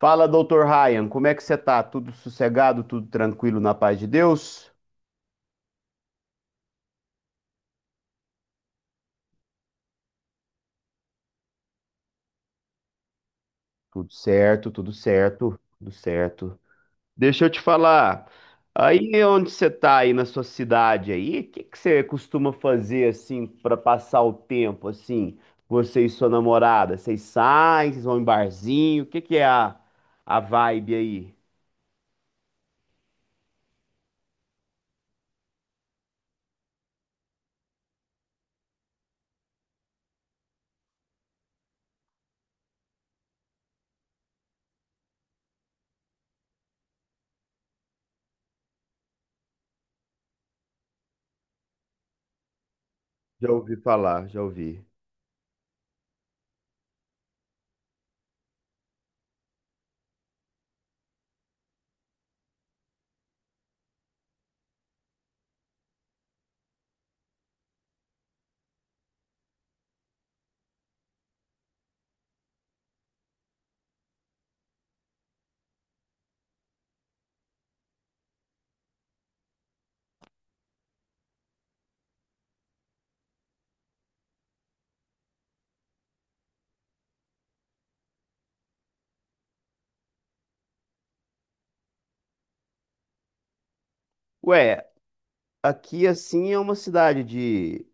Fala, doutor Ryan, como é que você tá? Tudo sossegado, tudo tranquilo na paz de Deus? Tudo certo, tudo certo, tudo certo. Deixa eu te falar, aí onde você tá aí na sua cidade aí, o que que você costuma fazer assim pra passar o tempo assim, você e sua namorada? Vocês saem, vocês vão em barzinho, o que que é a vibe aí? Já ouvi falar, já ouvi. Ué, aqui assim é uma cidade de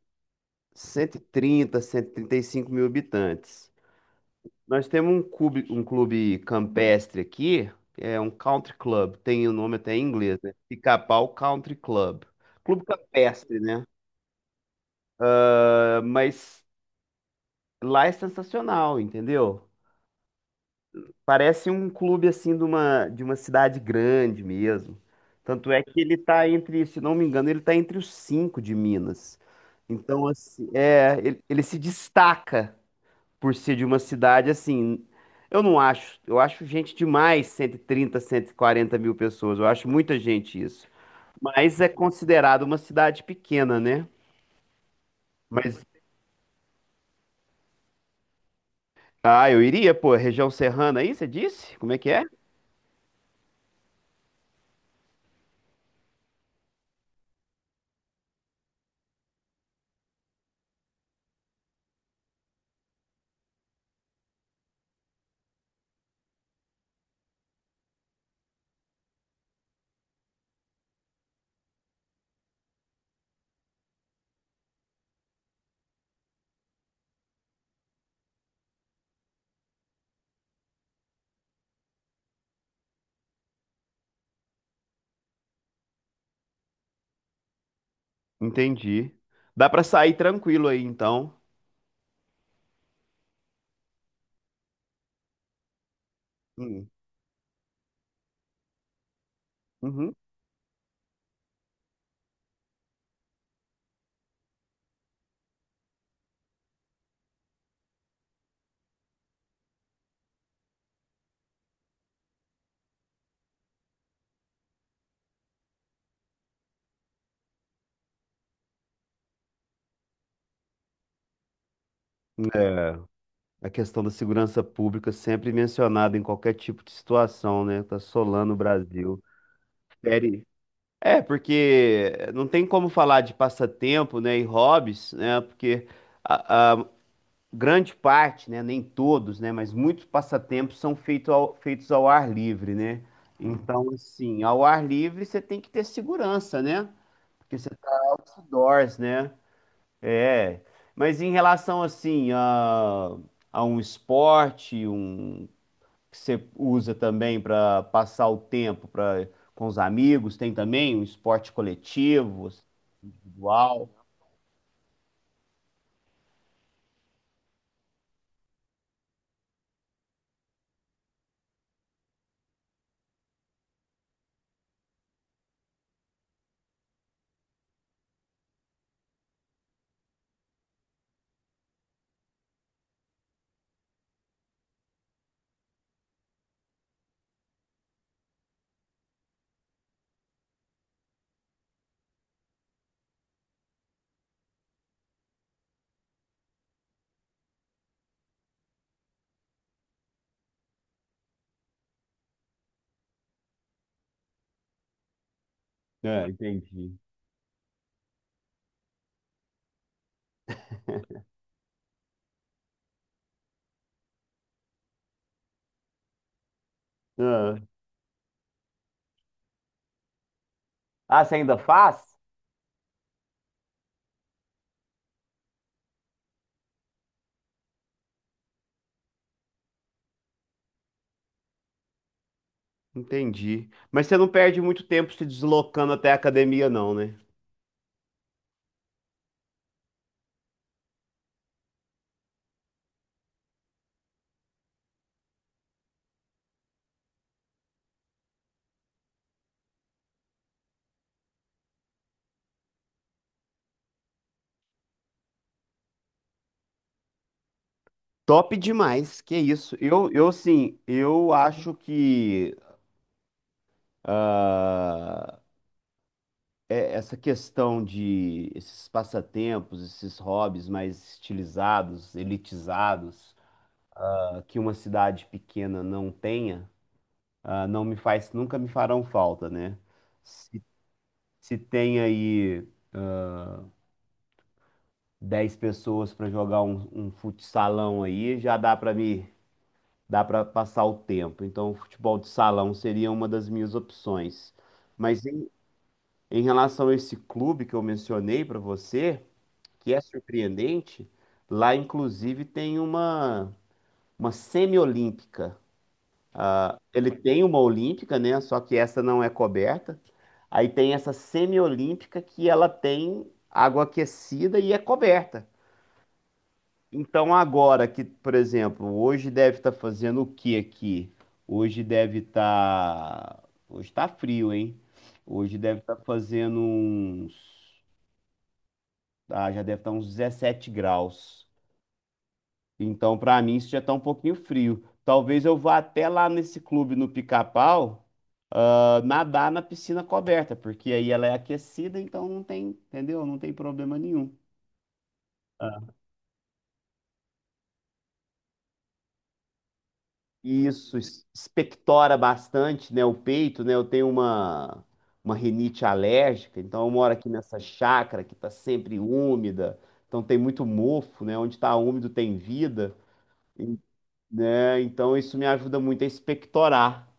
cento cento trinta, trinta e trinta e cinco mil habitantes. Nós temos um clube campestre aqui, é um country club, tem o nome até em inglês, né? Pica-pau Country Club. Clube campestre, né? Ah, mas lá é sensacional, entendeu? Parece um clube assim de uma cidade grande mesmo. Tanto é que ele tá entre, se não me engano, ele tá entre os cinco de Minas. Então, assim, é, ele se destaca por ser de uma cidade assim. Eu não acho, eu acho gente demais, 130, 140 mil pessoas. Eu acho muita gente isso. Mas é considerado uma cidade pequena, né? Mas, ah, eu iria, pô, região serrana aí, você disse? Como é que é? Entendi. Dá pra sair tranquilo aí, então. Hum, uhum. É, a questão da segurança pública sempre mencionada em qualquer tipo de situação, né? Tá assolando o Brasil. Fere, é, porque não tem como falar de passatempo, né, e hobbies, né, porque a grande parte, né, nem todos, né, mas muitos passatempos são feitos ao ar livre, né? Então, assim, ao ar livre você tem que ter segurança, né? Porque você tá outdoors, né? É. Mas em relação, assim, a um esporte, um que você usa também para passar o tempo, para com os amigos, tem também um esporte coletivo. Uau. Ah, entendi. Ah, ah, você ainda faz? Entendi. Mas você não perde muito tempo se deslocando até a academia, não, né? Top demais, que isso. Eu sim, eu acho que ah, essa questão de esses passatempos, esses hobbies mais estilizados, elitizados, ah, que uma cidade pequena não tenha, ah, não me faz, nunca me farão falta, né? Se, se tem aí 10 pessoas para jogar um futsalão aí, já dá para me dá para passar o tempo. Então, o futebol de salão seria uma das minhas opções. Mas em, em relação a esse clube que eu mencionei para você, que é surpreendente, lá inclusive tem uma semi-olímpica. Ah, ele tem uma olímpica, né? Só que essa não é coberta. Aí tem essa semi-olímpica que ela tem água aquecida e é coberta. Então, agora que, por exemplo, hoje deve estar fazendo o que aqui? Hoje deve estar. Hoje está frio, hein? Hoje deve estar fazendo uns. Ah, já deve estar uns 17 graus. Então, para mim, isso já está um pouquinho frio. Talvez eu vá até lá nesse clube no Pica-Pau, ah, nadar na piscina coberta, porque aí ela é aquecida, então não tem, entendeu? Não tem problema nenhum. Isso expectora bastante, né, o peito, né? Eu tenho uma rinite alérgica, então eu moro aqui nessa chácara que está sempre úmida, então tem muito mofo, né? Onde está úmido tem vida, e- né? Então isso me ajuda muito a expectorar.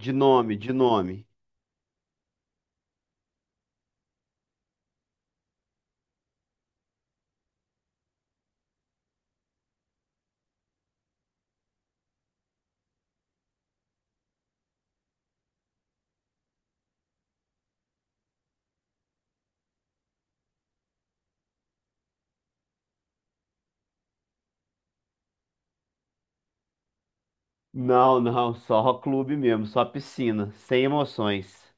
De nome, de nome. Não, não, só clube mesmo, só piscina, sem emoções.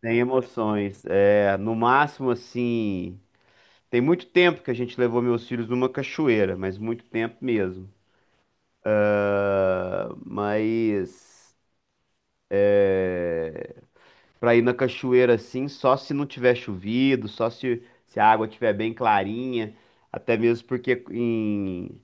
Sem emoções. É, no máximo assim, tem muito tempo que a gente levou meus filhos numa cachoeira, mas muito tempo mesmo. Mas pra ir na cachoeira assim, só se não tiver chovido, só se, se a água tiver bem clarinha, até mesmo porque em...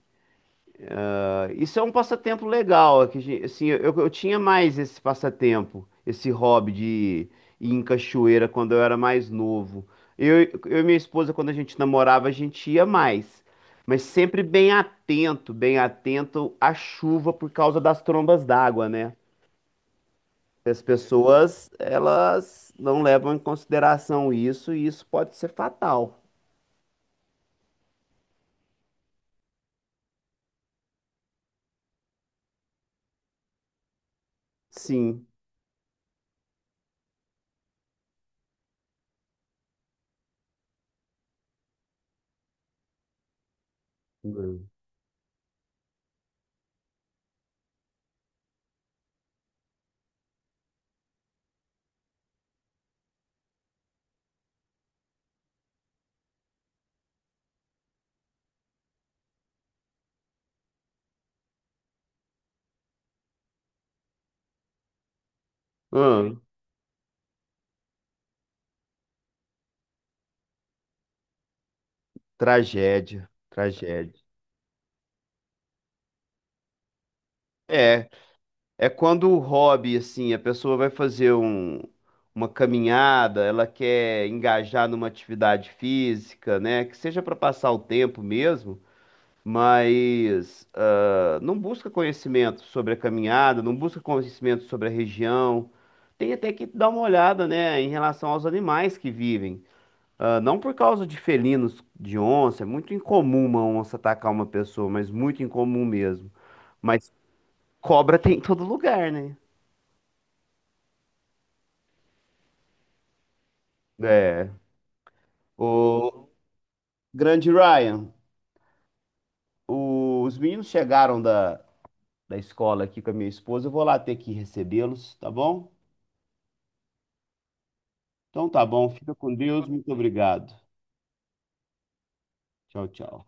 ah, isso é um passatempo legal, é que, assim, eu tinha mais esse passatempo, esse hobby de ir em cachoeira quando eu era mais novo. Eu e minha esposa, quando a gente namorava, a gente ia mais, mas sempre bem atento à chuva por causa das trombas d'água, né? As pessoas, elas não levam em consideração isso e isso pode ser fatal. Sim. Hum. Hum, tragédia, tragédia. É, é quando o hobby, assim, a pessoa vai fazer um, uma caminhada, ela quer engajar numa atividade física, né? Que seja para passar o tempo mesmo, mas não busca conhecimento sobre a caminhada, não busca conhecimento sobre a região. Tem até que dar uma olhada, né, em relação aos animais que vivem. Ah, não por causa de felinos, de onça, é muito incomum uma onça atacar uma pessoa, mas muito incomum mesmo. Mas cobra tem em todo lugar, né? É. O grande Ryan, os meninos chegaram da escola aqui com a minha esposa. Eu vou lá ter que recebê-los, tá bom? Então tá bom, fica com Deus, muito obrigado. Tchau, tchau.